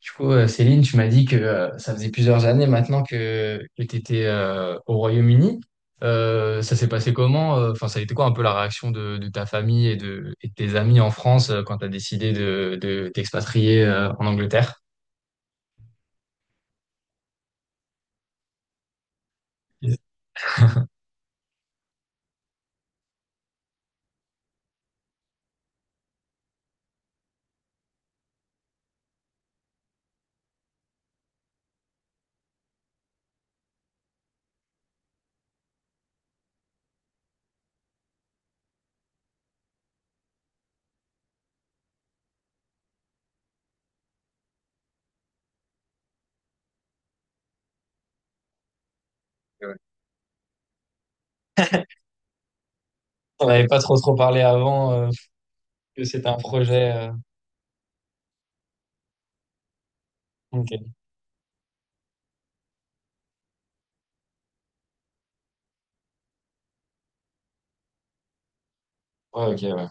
Du coup, Céline, tu m'as dit que ça faisait plusieurs années maintenant que tu étais au Royaume-Uni. Ça s'est passé comment? Enfin, ça a été quoi un peu la réaction de ta famille et de tes amis en France quand tu as décidé de t'expatrier en Angleterre? On n'avait pas trop trop parlé avant que c'était un projet. Ok. Ouais, ok, ouais.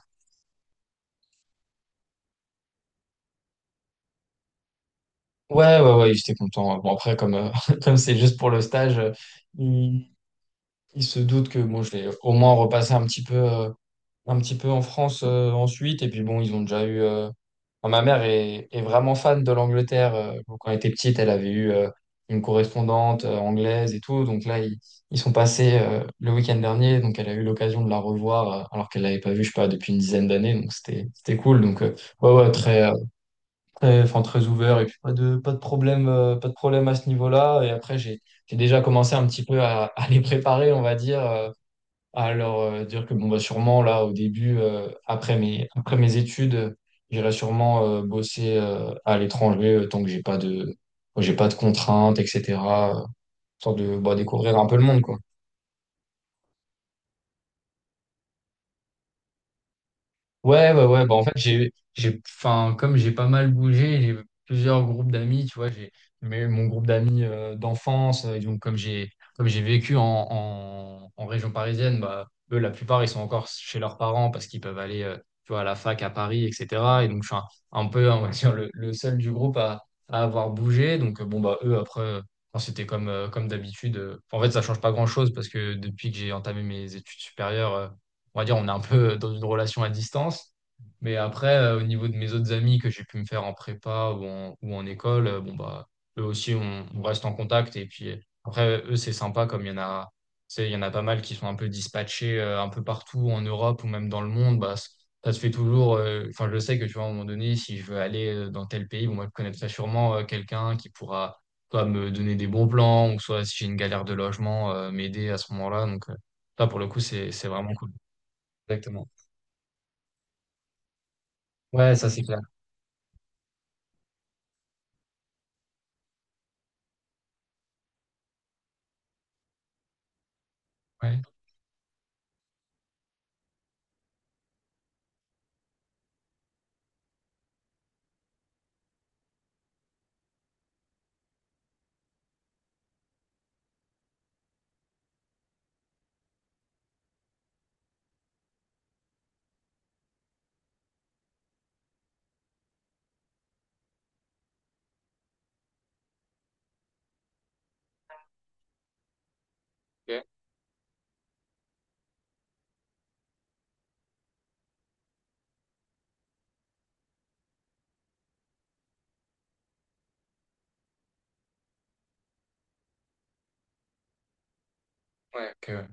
Ouais, ouais, ouais, j'étais content. Bon, après, comme comme c'est juste pour le stage, ils, ils se doutent que bon, je vais au moins repasser un petit peu. Un petit peu en France ensuite. Et puis bon, ils ont déjà eu. Enfin, ma mère est vraiment fan de l'Angleterre. Donc, quand elle était petite, elle avait eu une correspondante anglaise et tout. Donc là, ils sont passés le week-end dernier. Donc elle a eu l'occasion de la revoir alors qu'elle l'avait pas vue, je sais pas, depuis une dizaine d'années. Donc c'était cool. Donc ouais, ouais, très, très, enfin, très ouvert. Et puis pas de problème, pas de problème à ce niveau-là. Et après, j'ai déjà commencé un petit peu à les préparer, on va dire. Alors, dire que bon, bah, sûrement, là, au début, après mes études, j'irai sûrement bosser à l'étranger tant que j'ai pas de contraintes, etc. euh, Tant de bah, découvrir un peu le monde, quoi. Ouais, ouais, ouais. Bah, en fait, enfin, comme j'ai pas mal bougé, j'ai plusieurs groupes d'amis, tu vois. J'ai Mais mon groupe d'amis d'enfance. Et donc, comme j'ai vécu en région parisienne, bah, eux, la plupart, ils sont encore chez leurs parents parce qu'ils peuvent aller, tu vois, à la fac à Paris, etc. Et donc, je suis un peu, on va dire, le seul du groupe à avoir bougé. Donc, bon, bah, eux, après, enfin, c'était comme d'habitude. En fait, ça change pas grand-chose parce que depuis que j'ai entamé mes études supérieures, on va dire, on est un peu dans une relation à distance. Mais après, au niveau de mes autres amis que j'ai pu me faire en prépa ou en école, bon, bah, eux aussi, on reste en contact. Et puis après, eux, c'est sympa comme il y en a, tu sais, il y en a pas mal qui sont un peu dispatchés un peu partout en Europe ou même dans le monde. Bah, ça se fait toujours. Enfin, je sais que tu vois, à un moment donné, si je veux aller dans tel pays, bon, moi, je connaîtrai sûrement quelqu'un qui pourra soit me donner des bons plans ou soit si j'ai une galère de logement, m'aider à ce moment-là. Donc, ça, pour le coup, c'est vraiment cool. Exactement. Ouais, ça c'est clair. Ouais. Ok. Ouais, que...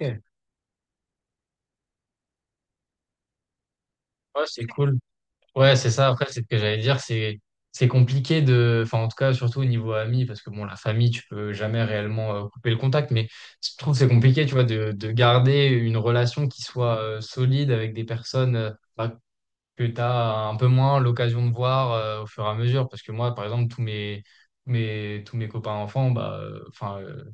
Ok. Ouais, c'est cool. Ouais, c'est ça. Après, c'est ce que j'allais dire, c'est compliqué de, enfin en tout cas surtout au niveau ami, parce que bon, la famille, tu peux jamais réellement couper le contact, mais je trouve que c'est compliqué, tu vois, de garder une relation qui soit solide avec des personnes bah, que tu as un peu moins l'occasion de voir au fur et à mesure. Parce que moi, par exemple, tous mes copains enfants, bah, enfin,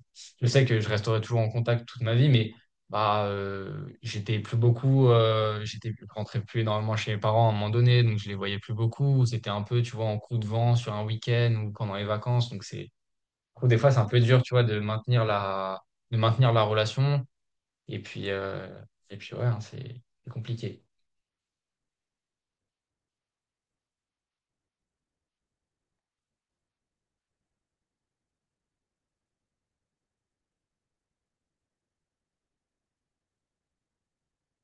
je sais que je resterai toujours en contact toute ma vie, mais bah, j'étais plus beaucoup, j'étais je rentrais plus énormément chez mes parents à un moment donné, donc je les voyais plus beaucoup. C'était un peu, tu vois, en coup de vent sur un week-end ou pendant les vacances. Donc c'est, je trouve des fois, c'est un peu dur, tu vois, de maintenir la relation. Et puis, euh, et puis, ouais, hein, c'est compliqué.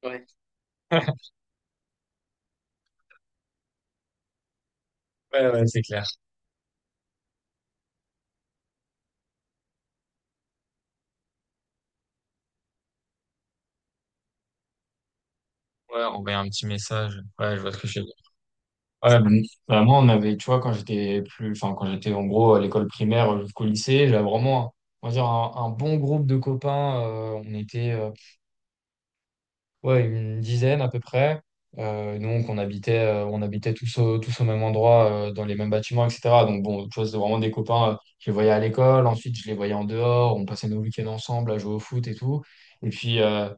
Ouais, ouais, ouais, c'est clair. Ouais, envoyer un petit message. Ouais, je vois ce que je veux dire. Ouais, ben, bah, moi, on avait, tu vois, quand j'étais plus, enfin, quand j'étais en gros à l'école primaire jusqu'au lycée, j'avais vraiment, on va dire, un bon groupe de copains. On était, ouais, une dizaine à peu près. Donc, on habitait tous au même endroit, dans les mêmes bâtiments, etc. Donc, bon, tu vois, c'était vraiment des copains. Je les voyais à l'école, ensuite, je les voyais en dehors. On passait nos week-ends ensemble à jouer au foot et tout. Et puis,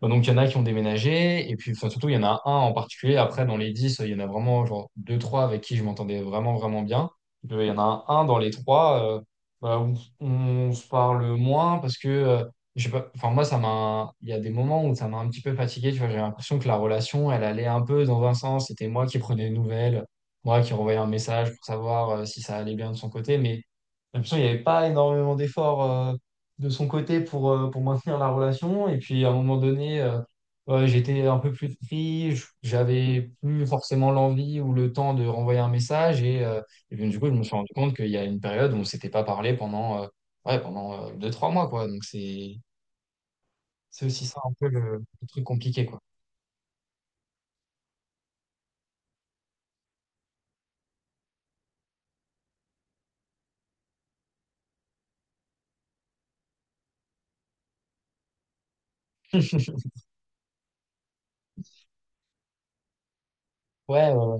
bah, donc, il y en a qui ont déménagé, et puis enfin, surtout, il y en a un en particulier. Après, dans les 10 il y en a vraiment genre deux, trois avec qui je m'entendais vraiment, vraiment bien. Il y en a un dans les trois bah, où on se parle moins parce que, je sais pas, enfin, moi, il y a des moments où ça m'a un petit peu fatigué. Tu vois, j'ai l'impression que la relation, elle allait un peu dans un sens. C'était moi qui prenais des nouvelles, moi qui renvoyais un message pour savoir si ça allait bien de son côté, mais j'ai l'impression qu'il n'y avait pas énormément d'efforts de son côté pour maintenir la relation. Et puis à un moment donné, j'étais un peu plus pris, j'avais plus forcément l'envie ou le temps de renvoyer un message. Et donc, du coup, je me suis rendu compte qu'il y a une période où on ne s'était pas parlé pendant deux, trois mois, quoi. Donc c'est aussi ça un peu le truc compliqué, quoi. Ouais, ouais,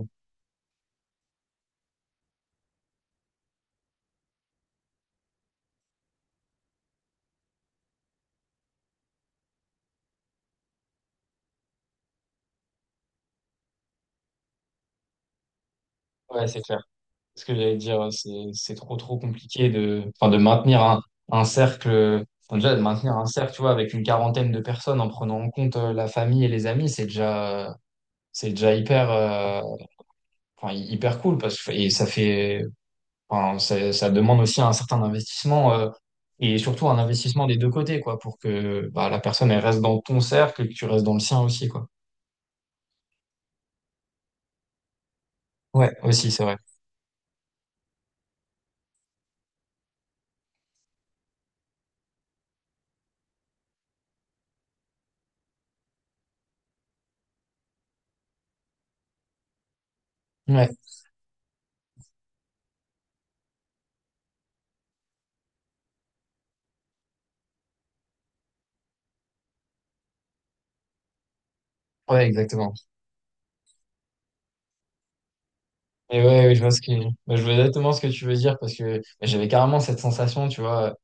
ouais, c'est clair. Ce que j'allais dire, c'est trop trop compliqué de, enfin, de maintenir un cercle, enfin, déjà de maintenir un cercle, tu vois, avec une quarantaine de personnes en prenant en compte la famille et les amis, c'est déjà hyper, enfin, hyper cool parce que et ça fait, enfin, ça demande aussi un certain investissement et surtout un investissement des deux côtés, quoi, pour que bah, la personne elle reste dans ton cercle et que tu restes dans le sien aussi, quoi. Ouais, aussi, c'est vrai. Ouais, ouais, exactement. Et ouais, ouais, je vois ce que, bah, je vois exactement ce que tu veux dire parce que bah, j'avais carrément cette sensation, tu vois.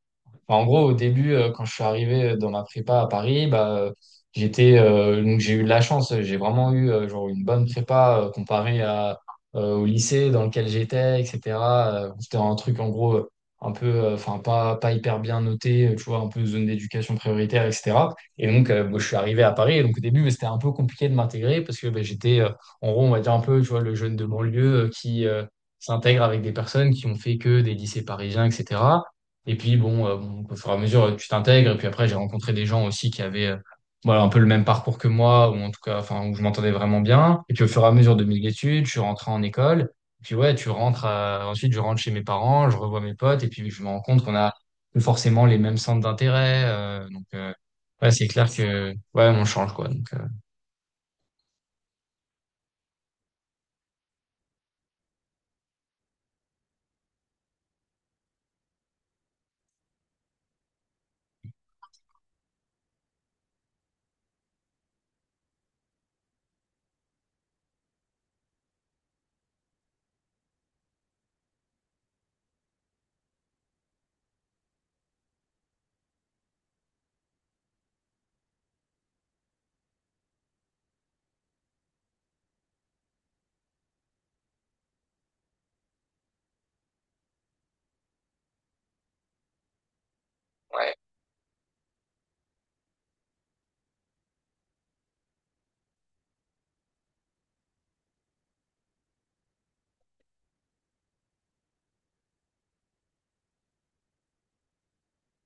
Enfin, en gros, au début, quand je suis arrivé dans ma prépa à Paris, bah, donc j'ai eu de la chance. J'ai vraiment eu genre une bonne prépa comparée au lycée dans lequel j'étais, etc. C'était un truc en gros un peu, enfin pas hyper bien noté, tu vois, un peu zone d'éducation prioritaire, etc. Et donc, moi, je suis arrivé à Paris. Et donc au début, bah, c'était un peu compliqué de m'intégrer parce que bah, en gros, on va dire un peu, tu vois, le jeune de banlieue qui s'intègre avec des personnes qui ont fait que des lycées parisiens, etc. Et puis bon, au fur et à mesure, tu t'intègres. Et puis après, j'ai rencontré des gens aussi qui avaient voilà, un peu le même parcours que moi, ou en tout cas, enfin, où je m'entendais vraiment bien. Et puis au fur et à mesure de mes études, je suis rentré en école. Et puis ouais, ensuite je rentre chez mes parents, je revois mes potes, et puis je me rends compte qu'on a plus forcément les mêmes centres d'intérêt. Donc ouais, c'est clair que ouais, on change quoi. Donc ouais,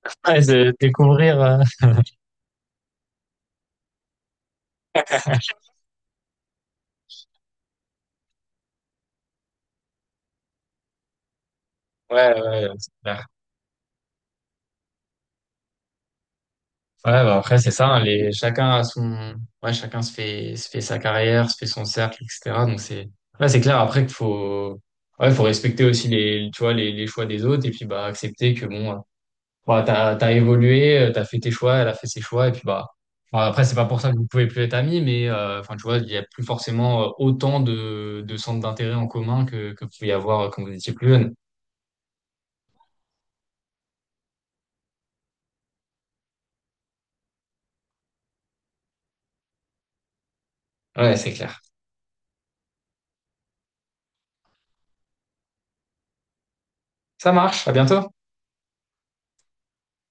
ouais, de découvrir. Ouais, ouais, c'est clair. Ouais, bah après, c'est ça, hein, chacun chacun se fait sa carrière, se fait son cercle, etc. Donc c'est, là, c'est clair après qu'il faut respecter aussi tu vois, les choix des autres et puis, bah, accepter que bon, bah, t'as évolué, t'as fait tes choix, elle a fait ses choix et puis, bah, après, c'est pas pour ça que vous pouvez plus être amis, mais, enfin, tu vois, il y a plus forcément autant de centres d'intérêt en commun que vous pouvez y avoir quand vous étiez plus jeune. Ouais, c'est clair. Ça marche, à bientôt.